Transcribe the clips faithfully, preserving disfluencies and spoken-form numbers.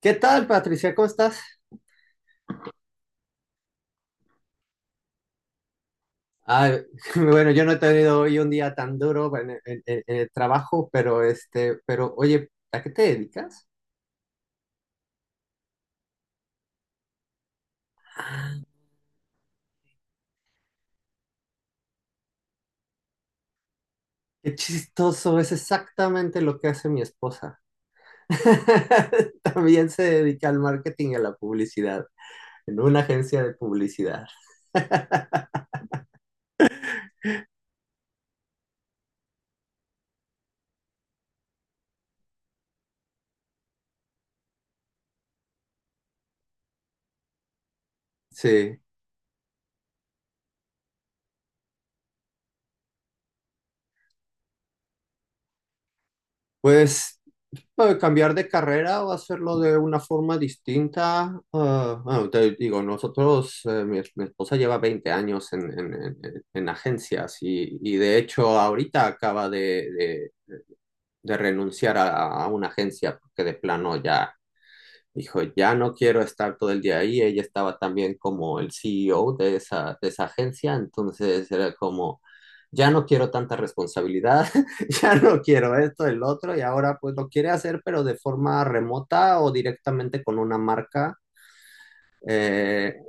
¿Qué tal, Patricia? ¿Cómo estás? Ah, bueno, yo no he tenido hoy un día tan duro en, en- en- en el trabajo, pero este, pero oye, ¿a qué te dedicas? Qué chistoso, es exactamente lo que hace mi esposa. También se dedica al marketing y a la publicidad, en una agencia de publicidad. Sí, pues bueno, cambiar de carrera o hacerlo de una forma distinta. Ah, bueno, te digo, nosotros, eh, mi, mi esposa lleva veinte años en, en- en- en- en agencias y, y de hecho ahorita acaba de, de- de renunciar a, a una agencia porque de plano ya dijo, ya no quiero estar todo el día ahí. Ella estaba también como el C E O de esa, de esa agencia, entonces era como, ya no quiero tanta responsabilidad, ya no quiero esto, el otro, y ahora pues lo quiere hacer, pero de forma remota o directamente con una marca. Eh,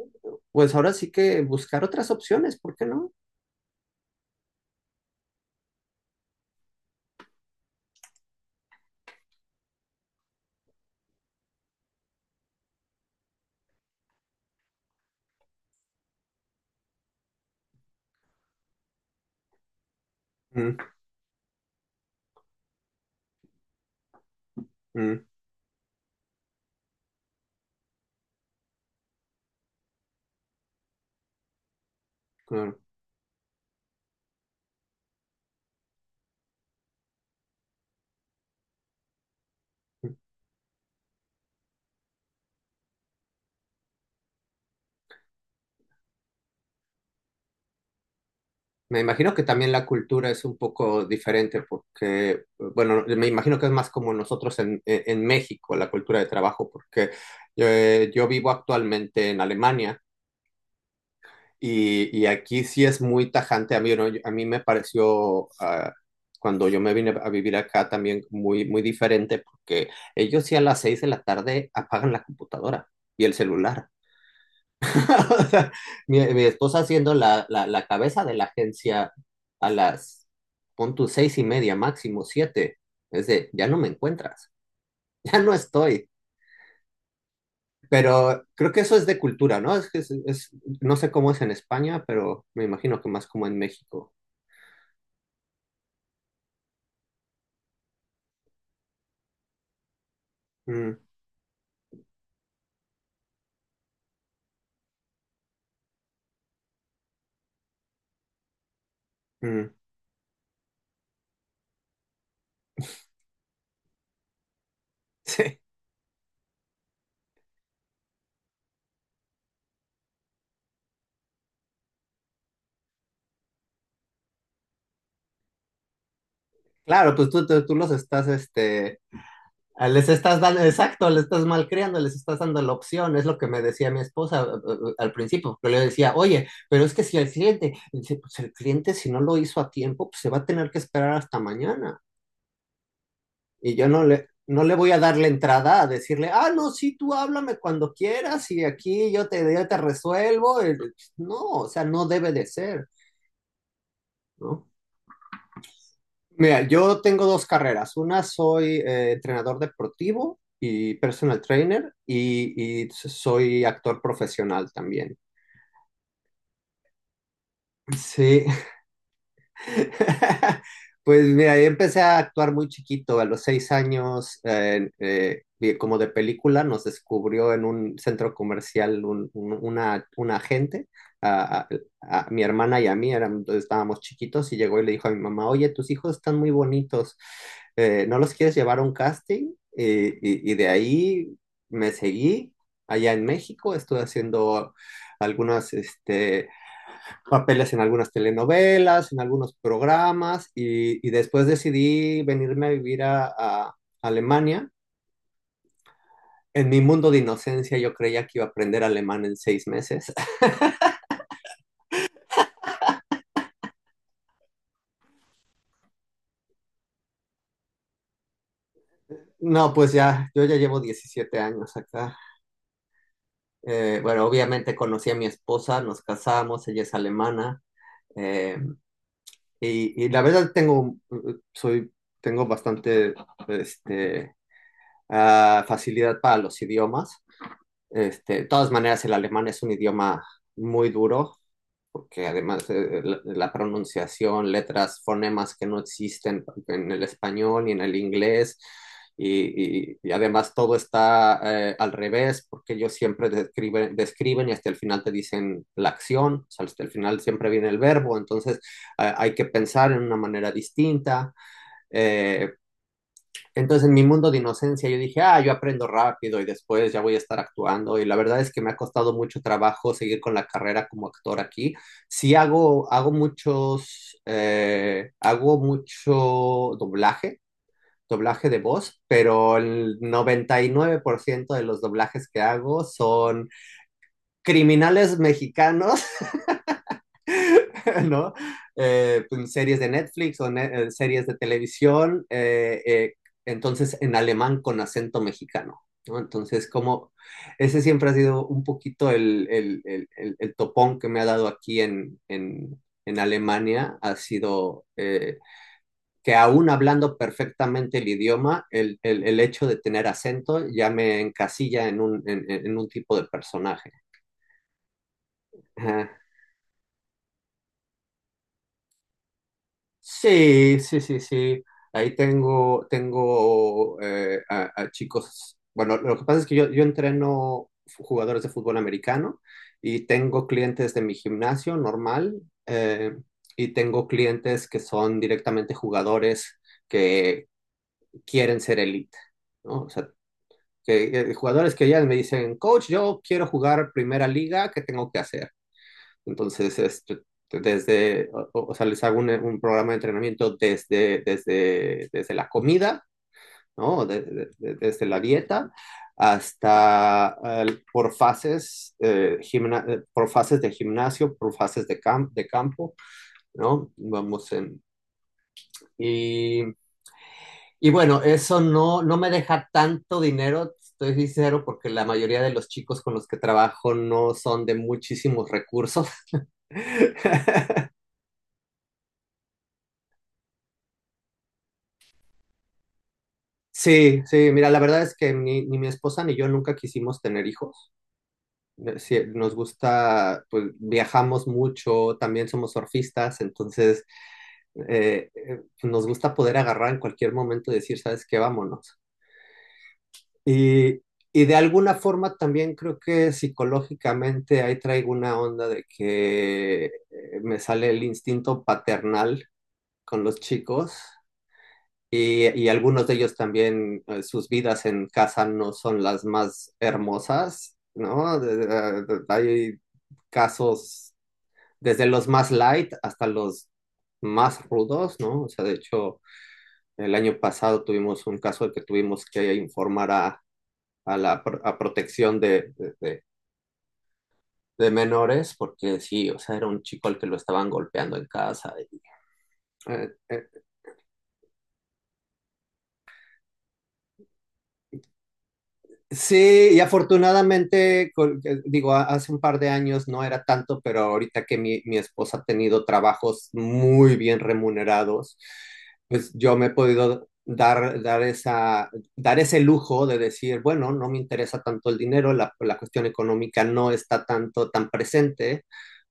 pues ahora sí que buscar otras opciones, ¿por qué no? Mm, mm, claro. Me imagino que también la cultura es un poco diferente porque, bueno, me imagino que es más como nosotros en, en en México, la cultura de trabajo, porque eh, yo vivo actualmente en Alemania y, y aquí sí es muy tajante. A mí, ¿no? Yo- a mí me pareció, ah, cuando yo me vine a vivir acá también muy, muy diferente porque ellos sí a las seis de la tarde apagan la computadora y el celular. O sea, mi, mi esposa haciendo la, la, la cabeza de la agencia a las, pon tu seis y media, máximo siete. Es de, ya no me encuentras, ya no estoy. Pero creo que eso es de cultura, ¿no? Es que es, es- no sé cómo es en España, pero me imagino que más como en México. Mm, mm. Sí. Claro, pues tú, tú, tú los estás, este, ah, les estás dando, exacto, les estás malcriando, les estás dando la opción, es lo que me decía mi esposa eh, eh, eh, al principio, que le decía, oye, pero es que si el cliente, dice, pues el cliente si no lo hizo a tiempo, pues se va a tener que esperar hasta mañana. Y yo no le, no le voy a dar la entrada a decirle, ah, no, sí, tú háblame cuando quieras y aquí yo te, yo te resuelvo. Eh, No, o sea, no debe de ser, ¿no? Mira, yo tengo dos carreras. Una soy eh, entrenador deportivo y personal trainer y, y soy actor profesional también. Sí, pues mira, yo empecé a actuar muy chiquito, a los seis años, eh, eh, y como de película, nos descubrió en un centro comercial un, un- una, un agente, a, a- a mi hermana y a mí, eran- estábamos chiquitos, y llegó y le dijo a mi mamá, oye, tus hijos están muy bonitos, eh, ¿no los quieres llevar a un casting? Eh, y, y de ahí me seguí allá en México, estuve haciendo algunos papeles en algunas telenovelas, en algunos programas y, y después decidí venirme a vivir a, a Alemania. En mi mundo de inocencia yo creía que iba a aprender alemán en seis meses. No, pues ya, yo ya llevo diecisiete años acá. Eh, bueno, obviamente conocí a mi esposa, nos casamos, ella es alemana. eh, y, y la verdad tengo, soy, tengo bastante este, ah, facilidad para los idiomas. Este, de todas maneras, el alemán es un idioma muy duro, porque además eh, la, la pronunciación, letras, fonemas que no existen en el español ni en el inglés, y, y- y además todo está eh, al revés, porque ellos siempre describen, describen y hasta el final te dicen la acción, o sea, hasta el final siempre viene el verbo, entonces eh, hay que pensar en una manera distinta. Eh, entonces, en mi mundo de inocencia, yo dije, ah, yo aprendo rápido y después ya voy a estar actuando. Y la verdad es que me ha costado mucho trabajo seguir con la carrera como actor aquí. Sí, hago, hago muchos, eh, hago mucho doblaje, doblaje de voz, pero el noventa y nueve por ciento de los doblajes que hago son criminales mexicanos ¿no? Eh, pues, series de Netflix o ne- eh, series de televisión, eh, eh, entonces en alemán con acento mexicano, ¿no? Entonces, como ese siempre ha sido un poquito el, el- el- el- el topón que me ha dado aquí en, en- en Alemania, ha sido eh, que aún hablando perfectamente el idioma, el, el- el hecho de tener acento ya me encasilla en un, en- en- en un tipo de personaje. Ajá. Sí, sí, sí, sí. Ahí tengo, tengo eh, a, a chicos. Bueno, lo que pasa es que yo, yo entreno jugadores de fútbol americano y tengo clientes de mi gimnasio normal eh, y tengo clientes que son directamente jugadores que quieren ser elite, ¿no? O sea, que, eh, jugadores que ya me dicen, coach, yo quiero jugar primera liga, ¿qué tengo que hacer? Entonces, este, desde, o, o sea, les hago un, un programa de entrenamiento desde, desde, desde la comida, ¿no? De- de- de- desde la dieta hasta eh, por fases, eh, gimna- eh, por fases de gimnasio, por fases de, cam- de campo, ¿no? Vamos en... Y, y bueno, eso no, no me deja tanto dinero, estoy sincero, porque la mayoría de los chicos con los que trabajo no son de muchísimos recursos. Sí, sí, mira, la verdad es que ni, ni mi esposa ni yo nunca quisimos tener hijos. Eh, sí, nos gusta, pues viajamos mucho, también somos surfistas, entonces eh, eh, nos gusta poder agarrar en cualquier momento y decir, ¿sabes qué? Vámonos. Y, y de alguna forma también creo que psicológicamente ahí traigo una onda de que eh, me sale el instinto paternal con los chicos. Y, y algunos de ellos también, eh, sus vidas en casa no son las más hermosas, ¿no? De- de- de- hay casos desde los más light hasta los más rudos, ¿no? O sea, de hecho, el año pasado tuvimos un caso de que tuvimos que informar a, a la pro- a protección de, de, de- de menores, porque sí, o sea, era un chico al que lo estaban golpeando en casa. y, eh, eh, Sí, y afortunadamente, col- eh, digo, a- hace un par de años no era tanto, pero ahorita que mi, mi esposa ha tenido trabajos muy bien remunerados, pues yo me he podido dar, dar esa, dar ese lujo de decir, bueno, no me interesa tanto el dinero, la, la cuestión económica no está tanto tan presente,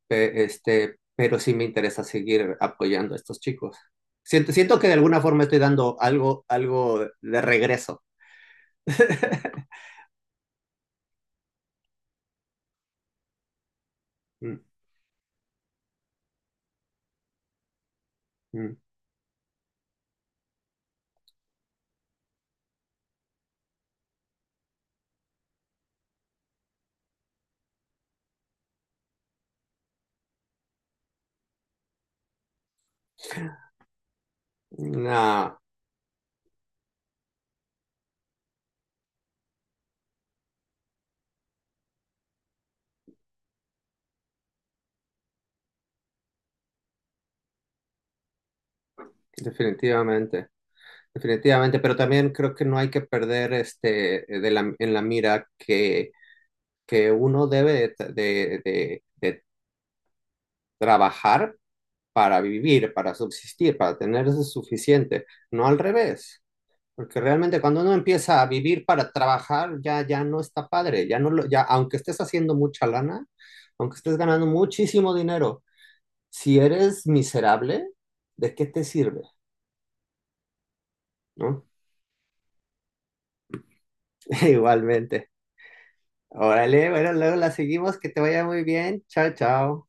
pe- este, pero sí me interesa seguir apoyando a estos chicos. Siento, siento que de alguna forma estoy dando algo, algo de regreso. Mm, mm. Una, Definitivamente, definitivamente, pero también creo que no hay que perder este de la, en la mira que, que uno debe de, tra- de- de- de trabajar para vivir, para subsistir, para tener eso suficiente, no al revés, porque realmente cuando uno empieza a vivir para trabajar ya ya no está padre, ya no lo, ya aunque estés haciendo mucha lana, aunque estés ganando muchísimo dinero, si eres miserable, ¿de qué te sirve? ¿No? Igualmente. Órale, bueno, luego la seguimos, que te vaya muy bien. Chao, chao.